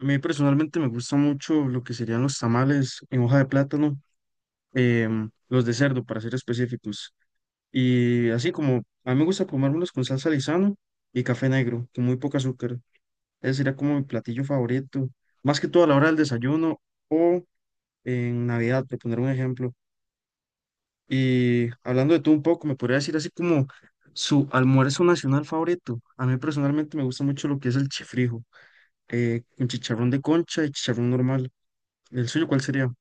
A mí personalmente me gusta mucho lo que serían los tamales en hoja de plátano, los de cerdo para ser específicos. Y así como a mí me gusta comérmelos con salsa Lizano y café negro, con muy poco azúcar. Ese sería como mi platillo favorito, más que todo a la hora del desayuno o en Navidad, por poner un ejemplo. Y hablando de todo un poco, me podría decir así como su almuerzo nacional favorito. A mí personalmente me gusta mucho lo que es el chifrijo, con chicharrón de concha y chicharrón normal. ¿El suyo cuál sería?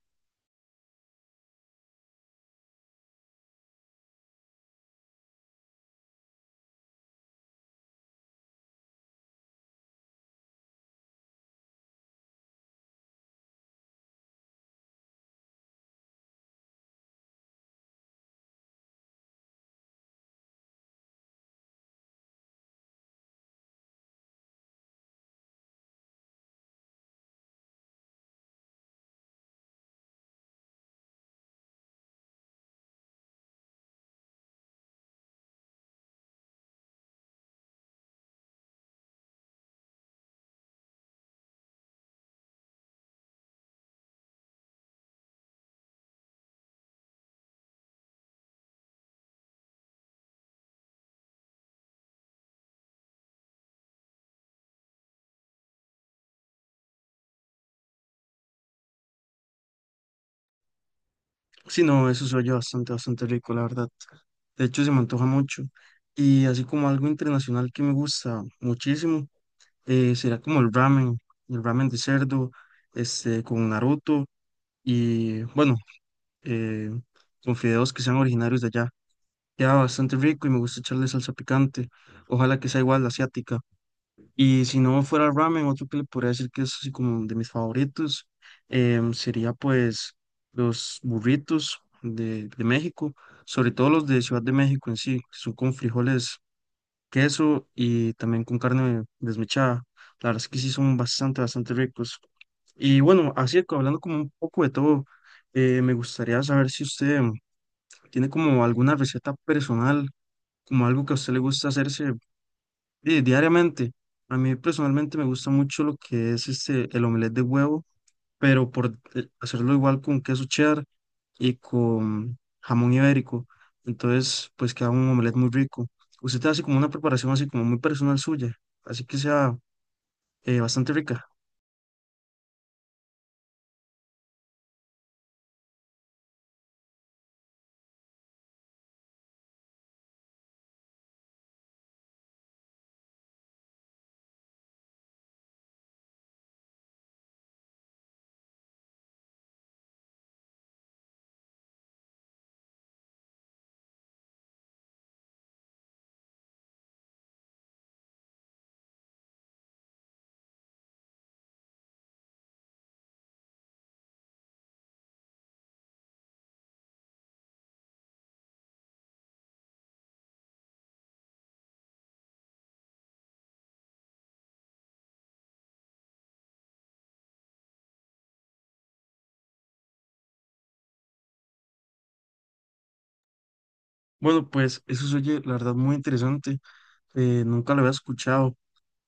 Sí, no, eso se oye bastante, bastante rico, la verdad. De hecho, se me antoja mucho. Y así como algo internacional que me gusta muchísimo, será como el ramen de cerdo, este, con Naruto y, bueno, eh, con fideos que sean originarios de allá. Queda bastante rico y me gusta echarle salsa picante. Ojalá que sea igual la asiática. Y si no fuera el ramen, otro que le podría decir que es así como de mis favoritos, sería pues los burritos de México, sobre todo los de Ciudad de México en sí, que son con frijoles, queso y también con carne desmechada. La verdad es que sí son bastante, bastante ricos. Y bueno, así que hablando como un poco de todo, me gustaría saber si usted tiene como alguna receta personal, como algo que a usted le gusta hacerse diariamente. A mí personalmente me gusta mucho lo que es este, el omelette de huevo, pero por hacerlo igual con queso cheddar y con jamón ibérico. Entonces, pues queda un omelette muy rico. Usted hace como una preparación así como muy personal suya, así que sea bastante rica. Bueno, pues eso se oye, la verdad, muy interesante. Nunca lo había escuchado.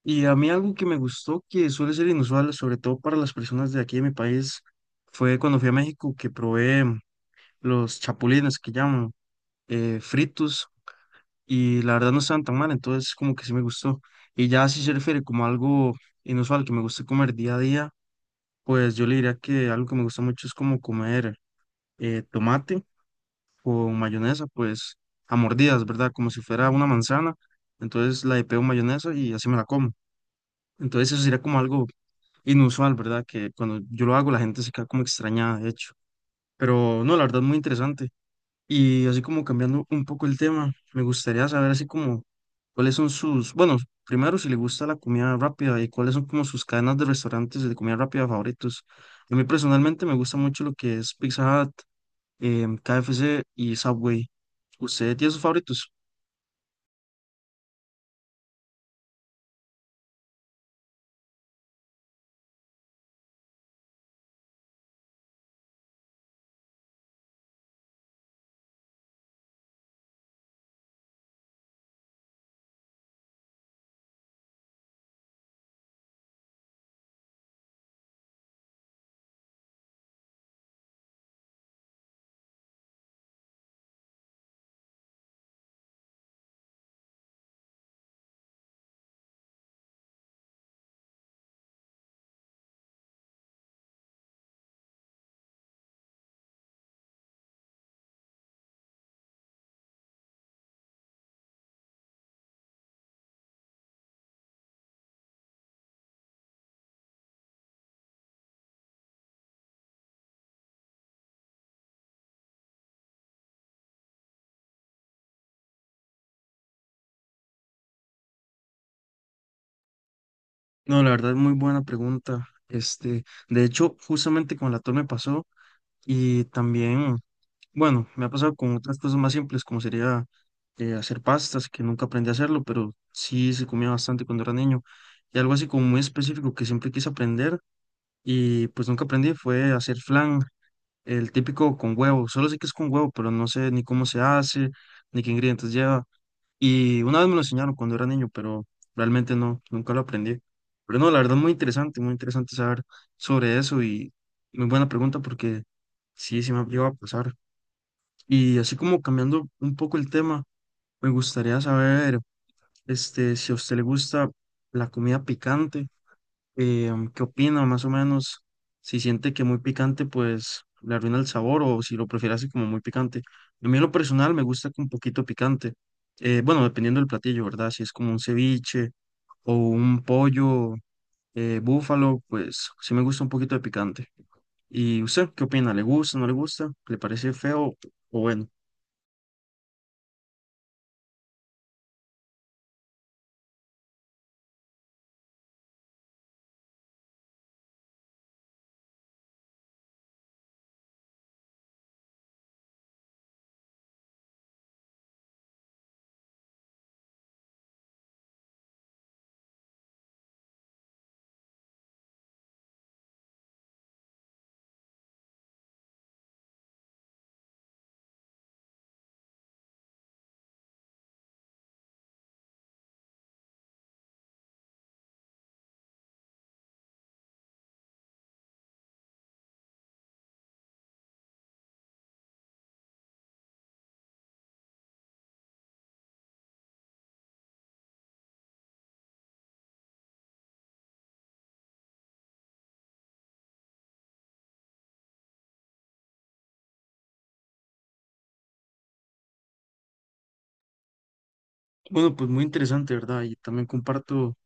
Y a mí algo que me gustó, que suele ser inusual, sobre todo para las personas de aquí de mi país, fue cuando fui a México que probé los chapulines que llaman, fritos, y la verdad no estaban tan mal, entonces como que sí me gustó. Y ya si se refiere como a algo inusual que me gusta comer día a día, pues yo le diría que algo que me gusta mucho es como comer tomate con mayonesa, pues a mordidas, ¿verdad? Como si fuera una manzana, entonces la de pego mayonesa y así me la como. Entonces eso sería como algo inusual, ¿verdad? Que cuando yo lo hago la gente se queda como extrañada, de hecho. Pero no, la verdad muy interesante. Y así como cambiando un poco el tema, me gustaría saber así como cuáles son sus, bueno, primero si le gusta la comida rápida y cuáles son como sus cadenas de restaurantes de comida rápida favoritos. A mí personalmente me gusta mucho lo que es Pizza Hut, KFC y Subway. ¿Usted tiene sus favoritos? No, la verdad es muy buena pregunta. Este, de hecho, justamente con la torre me pasó y también, bueno, me ha pasado con otras cosas más simples, como sería hacer pastas, que nunca aprendí a hacerlo, pero sí se comía bastante cuando era niño. Y algo así como muy específico que siempre quise aprender y pues nunca aprendí fue hacer flan, el típico con huevo. Solo sé que es con huevo, pero no sé ni cómo se hace, ni qué ingredientes lleva. Y una vez me lo enseñaron cuando era niño, pero realmente no, nunca lo aprendí. Pero no, la verdad muy interesante saber sobre eso y muy buena pregunta porque sí, sí me ha llegado a pasar. Y así como cambiando un poco el tema, me gustaría saber, este, si a usted le gusta la comida picante, ¿qué opina más o menos? Si siente que muy picante, pues le arruina el sabor o si lo prefiere así como muy picante. A mí en lo personal me gusta con poquito picante. Bueno, dependiendo del platillo, ¿verdad? Si es como un ceviche o un pollo búfalo, pues sí me gusta un poquito de picante. ¿Y usted qué opina? ¿Le gusta, no le gusta? ¿Le parece feo o bueno? Bueno, pues muy interesante, ¿verdad? Y también comparto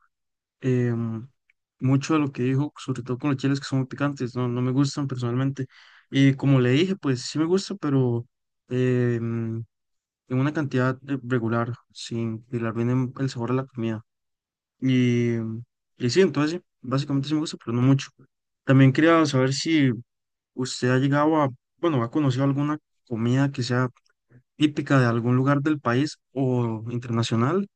em, mucho de lo que dijo, sobre todo con los chiles que son muy picantes, no, no me gustan personalmente. Y como le dije, pues sí me gusta, pero em, en una cantidad regular, sin que le arruinen el sabor a la comida. Y, y sí, entonces sí, básicamente sí me gusta, pero no mucho. También quería saber si usted ha llegado a, bueno, ha conocido alguna comida que sea típica de algún lugar del país o internacional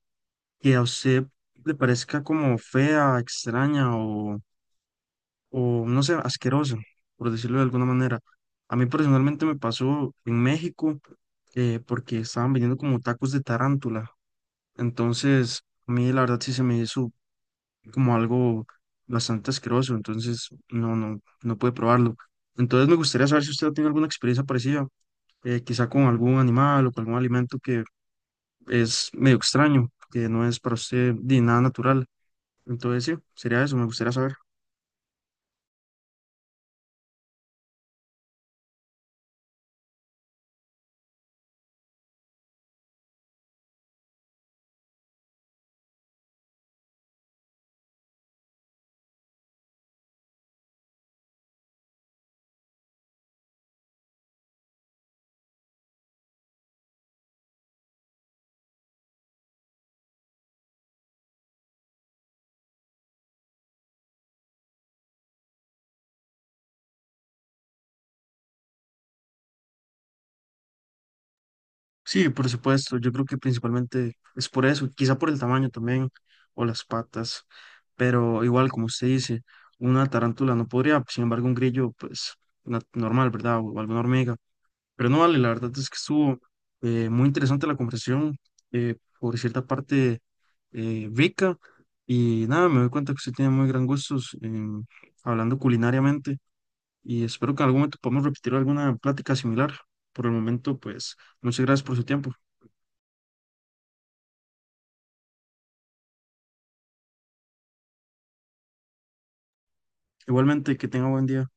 que a usted le parezca como fea, extraña o no sé, asquerosa, por decirlo de alguna manera. A mí personalmente me pasó en México porque estaban vendiendo como tacos de tarántula. Entonces, a mí la verdad sí se me hizo como algo bastante asqueroso. Entonces, no, no, no pude probarlo. Entonces, me gustaría saber si usted tiene alguna experiencia parecida, quizá con algún animal o con algún alimento que es medio extraño, que no es para usted de nada natural. Entonces, sí, sería eso, me gustaría saber. Sí, por supuesto, yo creo que principalmente es por eso, quizá por el tamaño también, o las patas, pero igual, como usted dice, una tarántula no podría, sin embargo, un grillo, pues, normal, ¿verdad? O alguna hormiga. Pero no vale, la verdad es que estuvo muy interesante la conversación, por cierta parte rica, y nada, me doy cuenta que usted tiene muy gran gustos en- hablando culinariamente. Y espero que en algún momento podamos repetir alguna plática similar. Por el momento, pues muchas gracias por su tiempo. Igualmente, que tenga buen día.